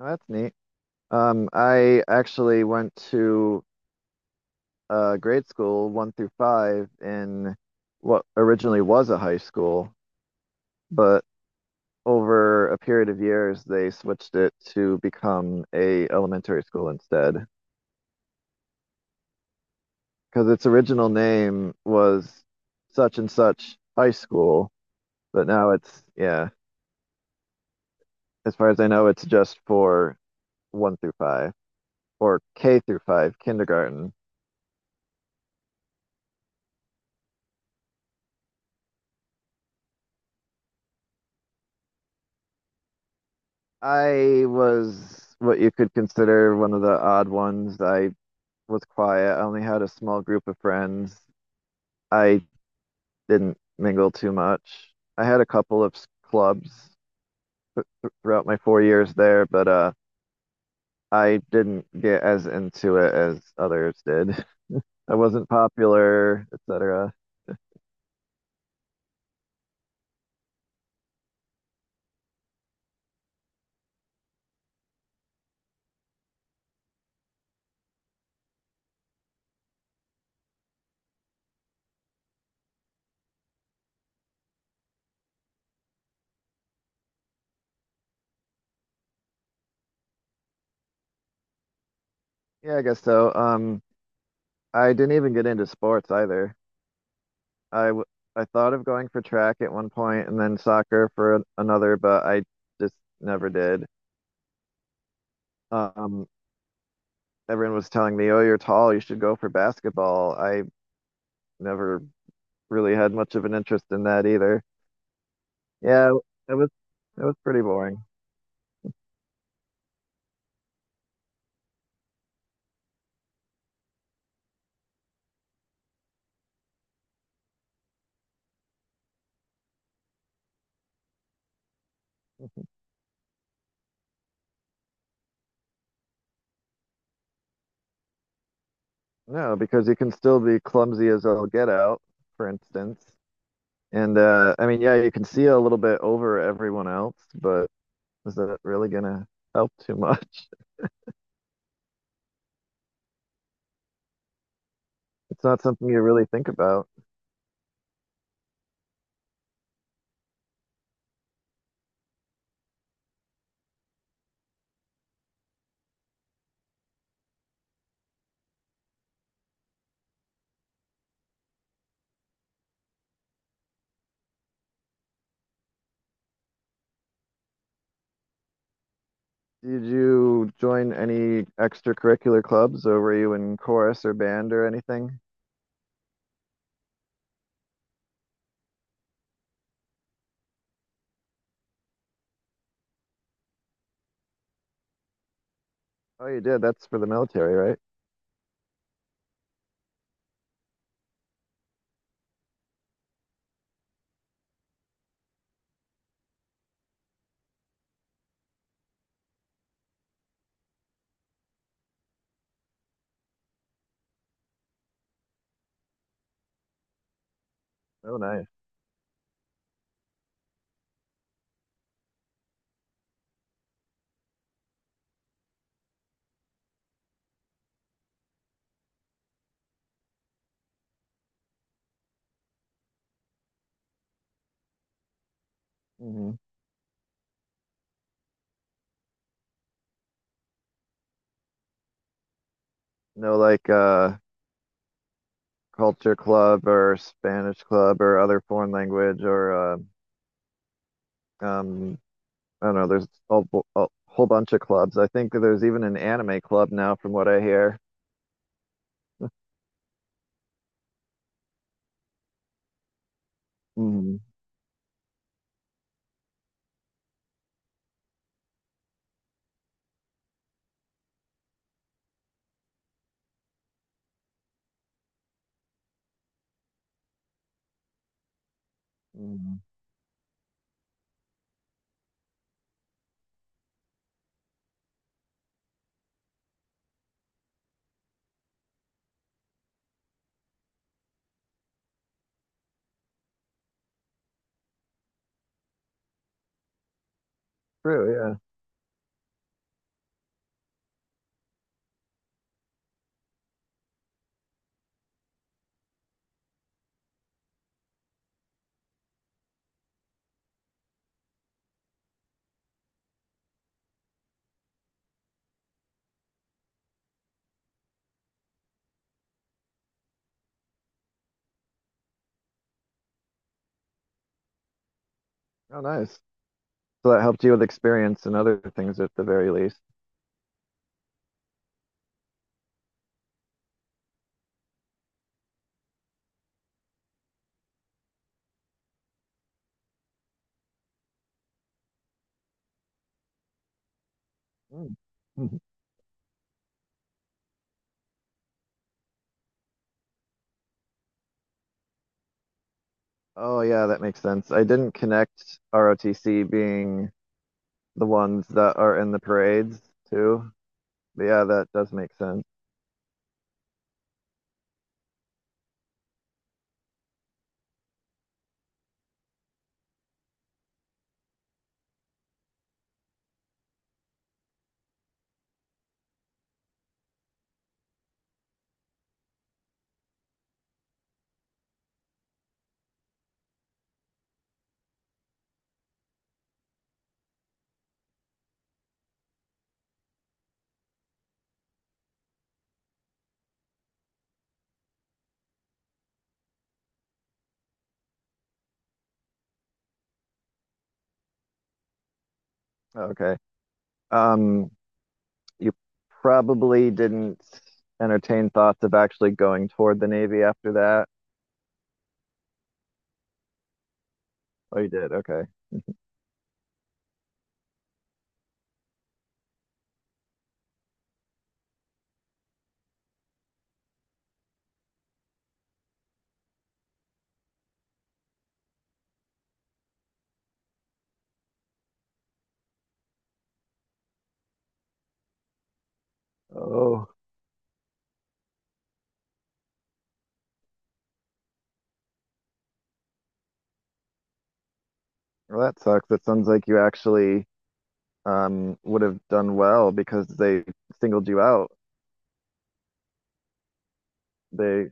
Oh, that's neat. I actually went to grade school one through five in what originally was a high school, but over a period of years they switched it to become a elementary school instead, because its original name was such and such high school, but now it's, yeah, as far as I know, it's just for one through five or K through five kindergarten. I was what you could consider one of the odd ones. I was quiet. I only had a small group of friends. I didn't mingle too much. I had a couple of clubs throughout my 4 years there, but I didn't get as into it as others did. I wasn't popular, etc. Yeah, I guess so. I didn't even get into sports either. I w I thought of going for track at one point and then soccer for an another, but I just never did. Um, Everyone was telling me, "Oh, you're tall. You should go for basketball." I never really had much of an interest in that either. Yeah, it was it was pretty boring. No, because you can still be clumsy as all get out, for instance. And I mean, yeah, you can see a little bit over everyone else, but is that really gonna help too much? It's not something you really think about. Did you join any extracurricular clubs, or were you in chorus or band or anything? Oh, you did. That's for the military, right? Oh, nice. Hmm. No, like culture club or Spanish club or other foreign language or um, I don't know. There's a whole bunch of clubs. I think that there's even an anime club now, from what I hear. Hmm. Hmm. True. Yeah. Oh, nice. So that helped you with experience and other things at the very least. Mm. Mhm. Oh, yeah, that makes sense. I didn't connect ROTC being the ones that are in the parades too. But yeah, that does make sense. Okay. Um, you probably didn't entertain thoughts of actually going toward the Navy after that. Oh, you did. Okay. Oh, well, that sucks. It sounds like you actually would have done well because they singled you out. They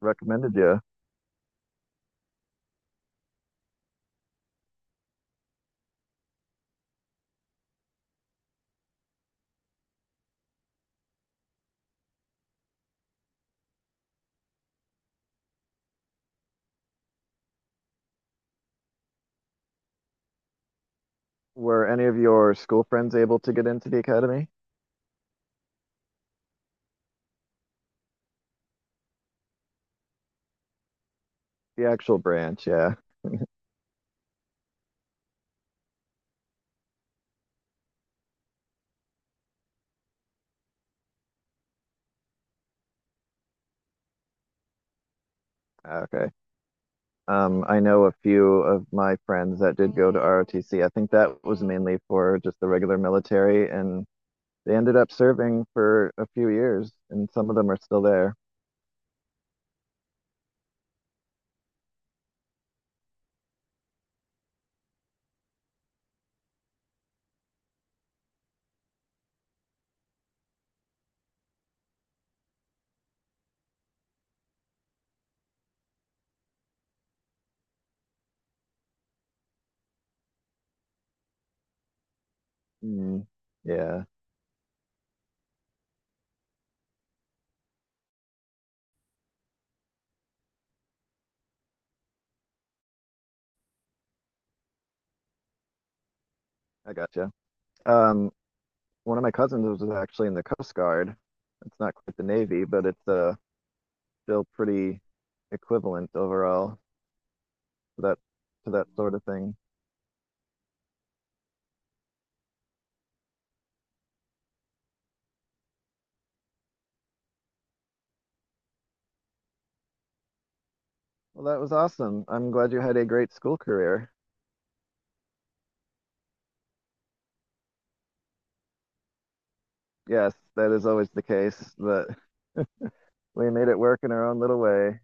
recommended you. Were any of your school friends able to get into the academy? The actual branch, yeah. Ah, okay. I know a few of my friends that did go to ROTC. I think that was mainly for just the regular military and they ended up serving for a few years, and some of them are still there. Mm, yeah, I gotcha. Um, one of my cousins was actually in the Coast Guard. It's not quite the Navy, but it's still pretty equivalent overall to that, to that sort of thing. Well, that was awesome. I'm glad you had a great school career. Yes, that is always the case, but we made it work in our own little way.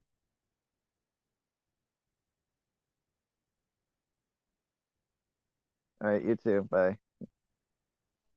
All right, you too. Bye.